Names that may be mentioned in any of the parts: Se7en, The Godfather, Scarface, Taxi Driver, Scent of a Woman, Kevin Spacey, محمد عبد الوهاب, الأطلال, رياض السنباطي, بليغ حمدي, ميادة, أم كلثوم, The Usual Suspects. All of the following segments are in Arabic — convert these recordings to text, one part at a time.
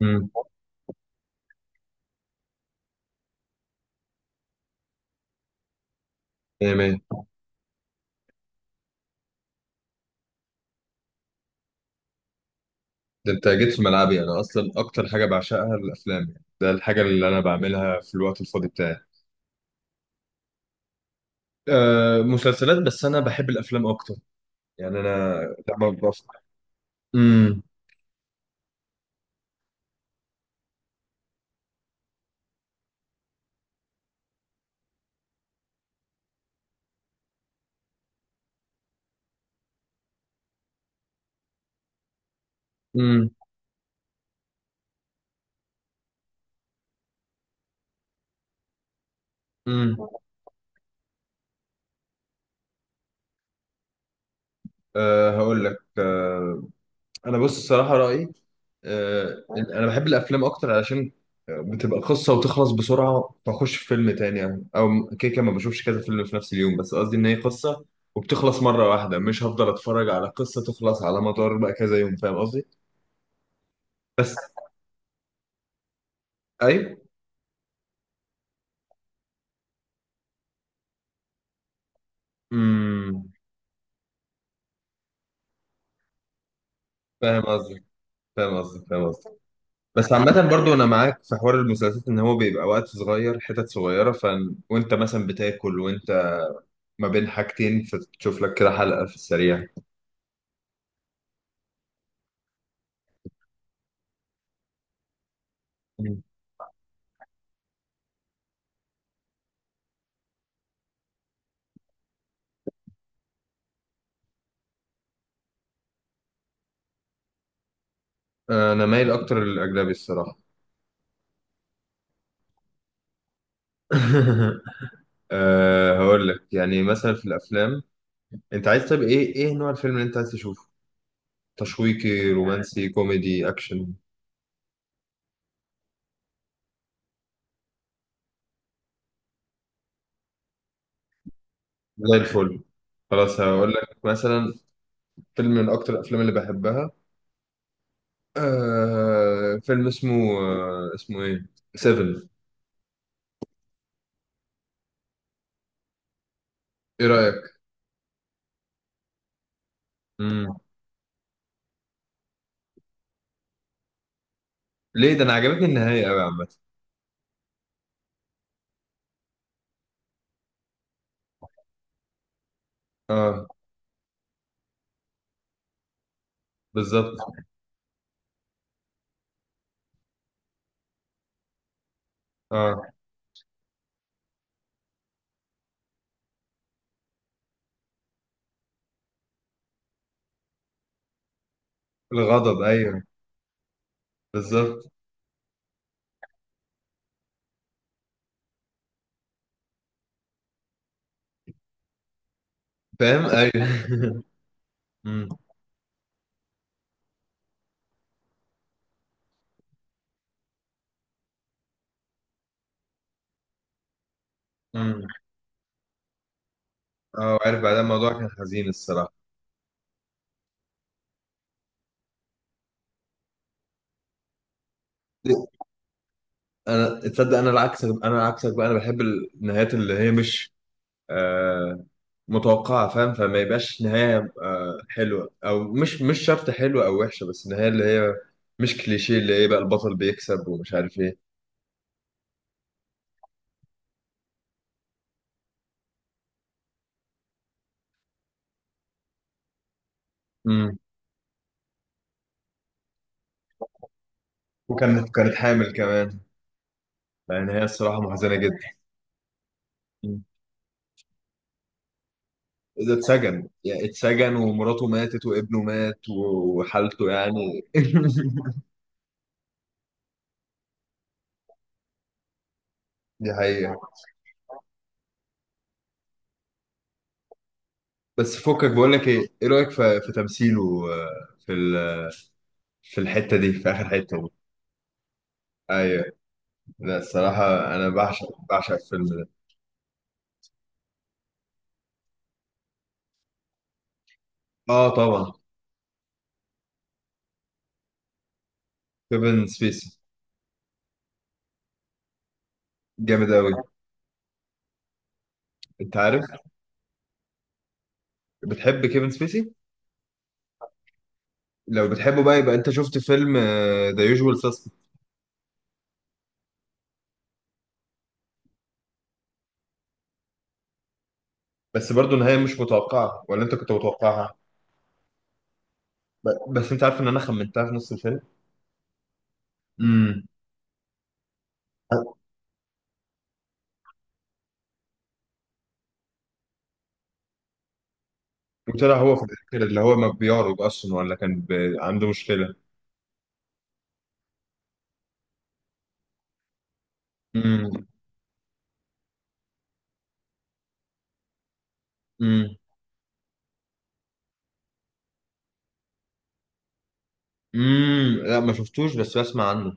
امم ايه مية. ده انت جيت في ملعبي، انا اصلا اكتر حاجه بعشقها الافلام، يعني ده الحاجه اللي انا بعملها في الوقت الفاضي بتاعي. أه، مسلسلات؟ بس انا بحب الافلام اكتر. يعني انا لما بفضل. امم امم امم هقول لك. انا بص، الصراحه رايي انا بحب الافلام اكتر علشان بتبقى قصه وتخلص بسرعه، فاخش في فيلم تاني. او او كده كده ما بشوفش كذا فيلم في نفس اليوم، بس قصدي ان هي قصه وبتخلص مره واحده، مش هفضل اتفرج على قصه تخلص على مدار بقى كذا يوم، فاهم قصدي؟ بس، اي. امم فاهم قصدك، فاهم قصدك، فاهم قصدك. بس عامة برضو أنا معاك في حوار المسلسلات، إن هو بيبقى وقت صغير، حتت صغيرة وأنت مثلا بتاكل وأنت ما بين حاجتين، فتشوف لك كده حلقة في السريع. انا مايل اكتر للاجنبي الصراحه. هقول لك، يعني مثلا في الافلام، انت عايز طيب ايه ايه نوع الفيلم اللي انت عايز تشوفه؟ تشويقي، رومانسي، كوميدي، اكشن؟ زي الفل. خلاص هقول لك مثلا. فيلم من اكتر الافلام اللي بحبها، فيلم اسمه، اسمه ايه، سيفن. ايه رايك؟ مم. ليه؟ ده انا عجبتني النهايه قوي عامه. اه، بالظبط. اه، الغضب، ايوه، بالظبط. فاهم، ايوه. مم. مم. اه، عارف، بعدها الموضوع كان حزين الصراحه. انا تصدق؟ انا العكس، انا عكسك بقى، انا بحب النهايات اللي هي مش آه متوقعه، فاهم؟ فما يبقاش نهايه حلوه او مش مش شرط حلوه او وحشه، بس النهايه اللي هي مش كليشيه، اللي هي بقى البطل بيكسب ومش عارف ايه. امم وكانت كانت حامل كمان. يعني هي الصراحه محزنه جدا. مم. ده اتسجن، يعني اتسجن ومراته ماتت وابنه مات وحالته يعني دي حقيقة. بس فكك، بقول لك ايه ايه رايك في تمثيله آه، في ال- في الحته دي، في اخر حته دي. ايوه. لا الصراحه. انا بعشق الفيلم ده. اه طبعا. كيفن سبيسي. جامد قوي. انت عارف؟ بتحب كيفن سبيسي؟ لو بتحبه بقى، يبقى انت شفت فيلم ذا يوجوال ساسبكت؟ بس برضه النهايه مش متوقعه، ولا انت كنت متوقعها؟ بس انت عارف ان انا خمنتها في نص الفيلم. امم وطلع هو في الاخر اللي هو ما بيعرج اصلا، ولا كان عنده مشكله؟ امم. امم، لا ما شفتوش، بس بسمع عنه.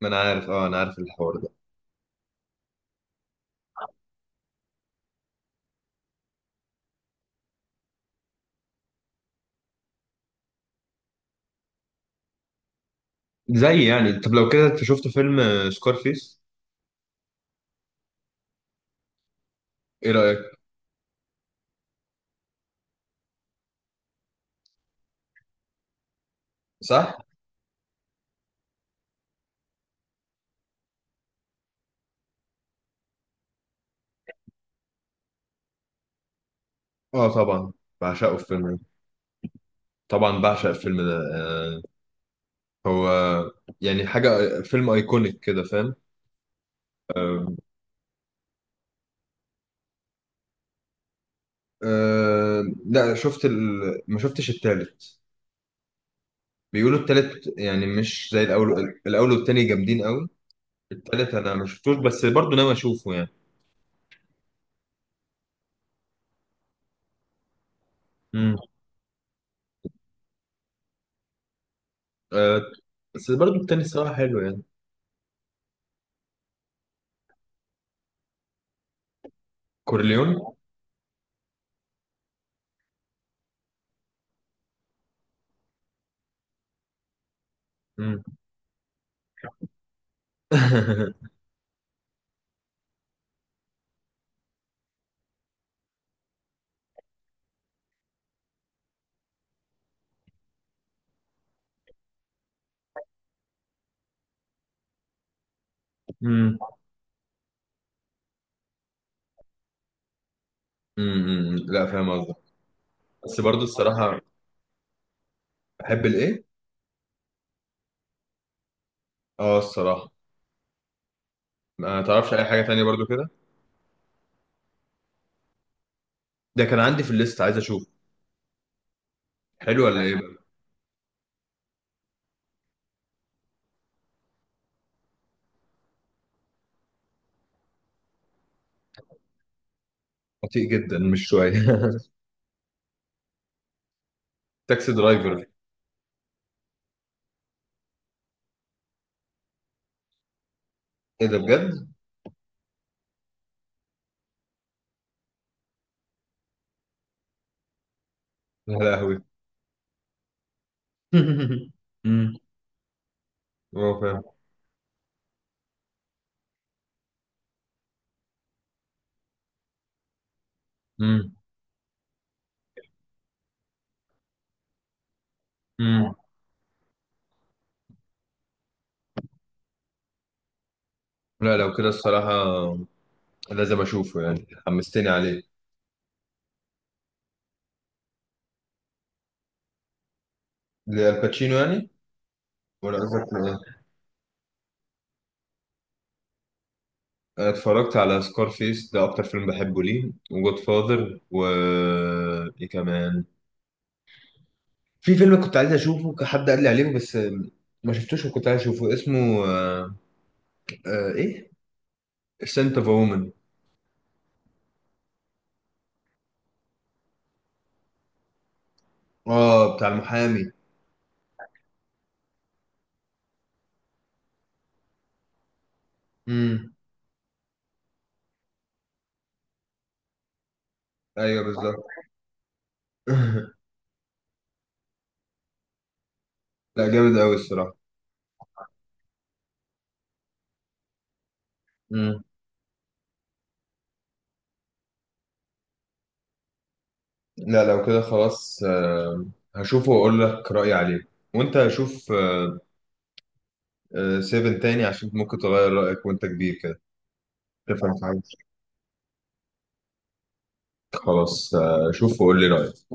ما انا عارف، اه انا عارف الحوار ده. زي يعني، طب لو كده انت شفت فيلم سكارفيس؟ ايه رأيك؟ صح. اه طبعا، بعشقه الفيلم ده. طبعا بعشق الفيلم ده هو يعني حاجة فيلم ايكونيك كده، فاهم؟ لا، شفت ما شفتش التالت. بيقولوا التالت يعني مش زي الاول. الاول والتاني جامدين قوي. التالت انا ما شفتوش، بس برضه ناوي اشوفه يعني. امم. آه بس برضه التاني الصراحة حلو يعني. كورليون. امم. امم، لا فاهم قصدك. بس برضو الصراحه. بحب الايه؟ اه الصراحه ما تعرفش اي حاجه تانية برضو كده. ده كان عندي في الليست عايز اشوف. حلو ولا ايه بقى؟ بطيء جدا، مش شويه. تاكسي درايفر. ايه ده، بجد؟ يا لهوي. امم. اه، فاهم. امم. امم، لا لو كده الصراحه لازم اشوفه يعني، حمستني عليه. للباتشينو يعني؟ ولا قصدك لايه؟ أنا اتفرجت على سكارفيس، ده اكتر فيلم بحبه ليه، وجود فاذر و Godfather، ايه كمان؟ في فيلم كنت عايز اشوفه، حد قال لي عليه بس ما شفتوش، وكنت عايز اشوفه اسمه ايه، سنت اوف وومن. اه بتاع المحامي؟ امم. ايوه بالظبط. لا جامد قوي الصراحه. امم. لا لو كده خلاص هشوفه واقول لك رايي عليه. وانت هشوف سيفن تاني عشان ممكن تغير رايك وانت كبير كده تفهم حاجه. خلاص. شوف وقول لي رايك.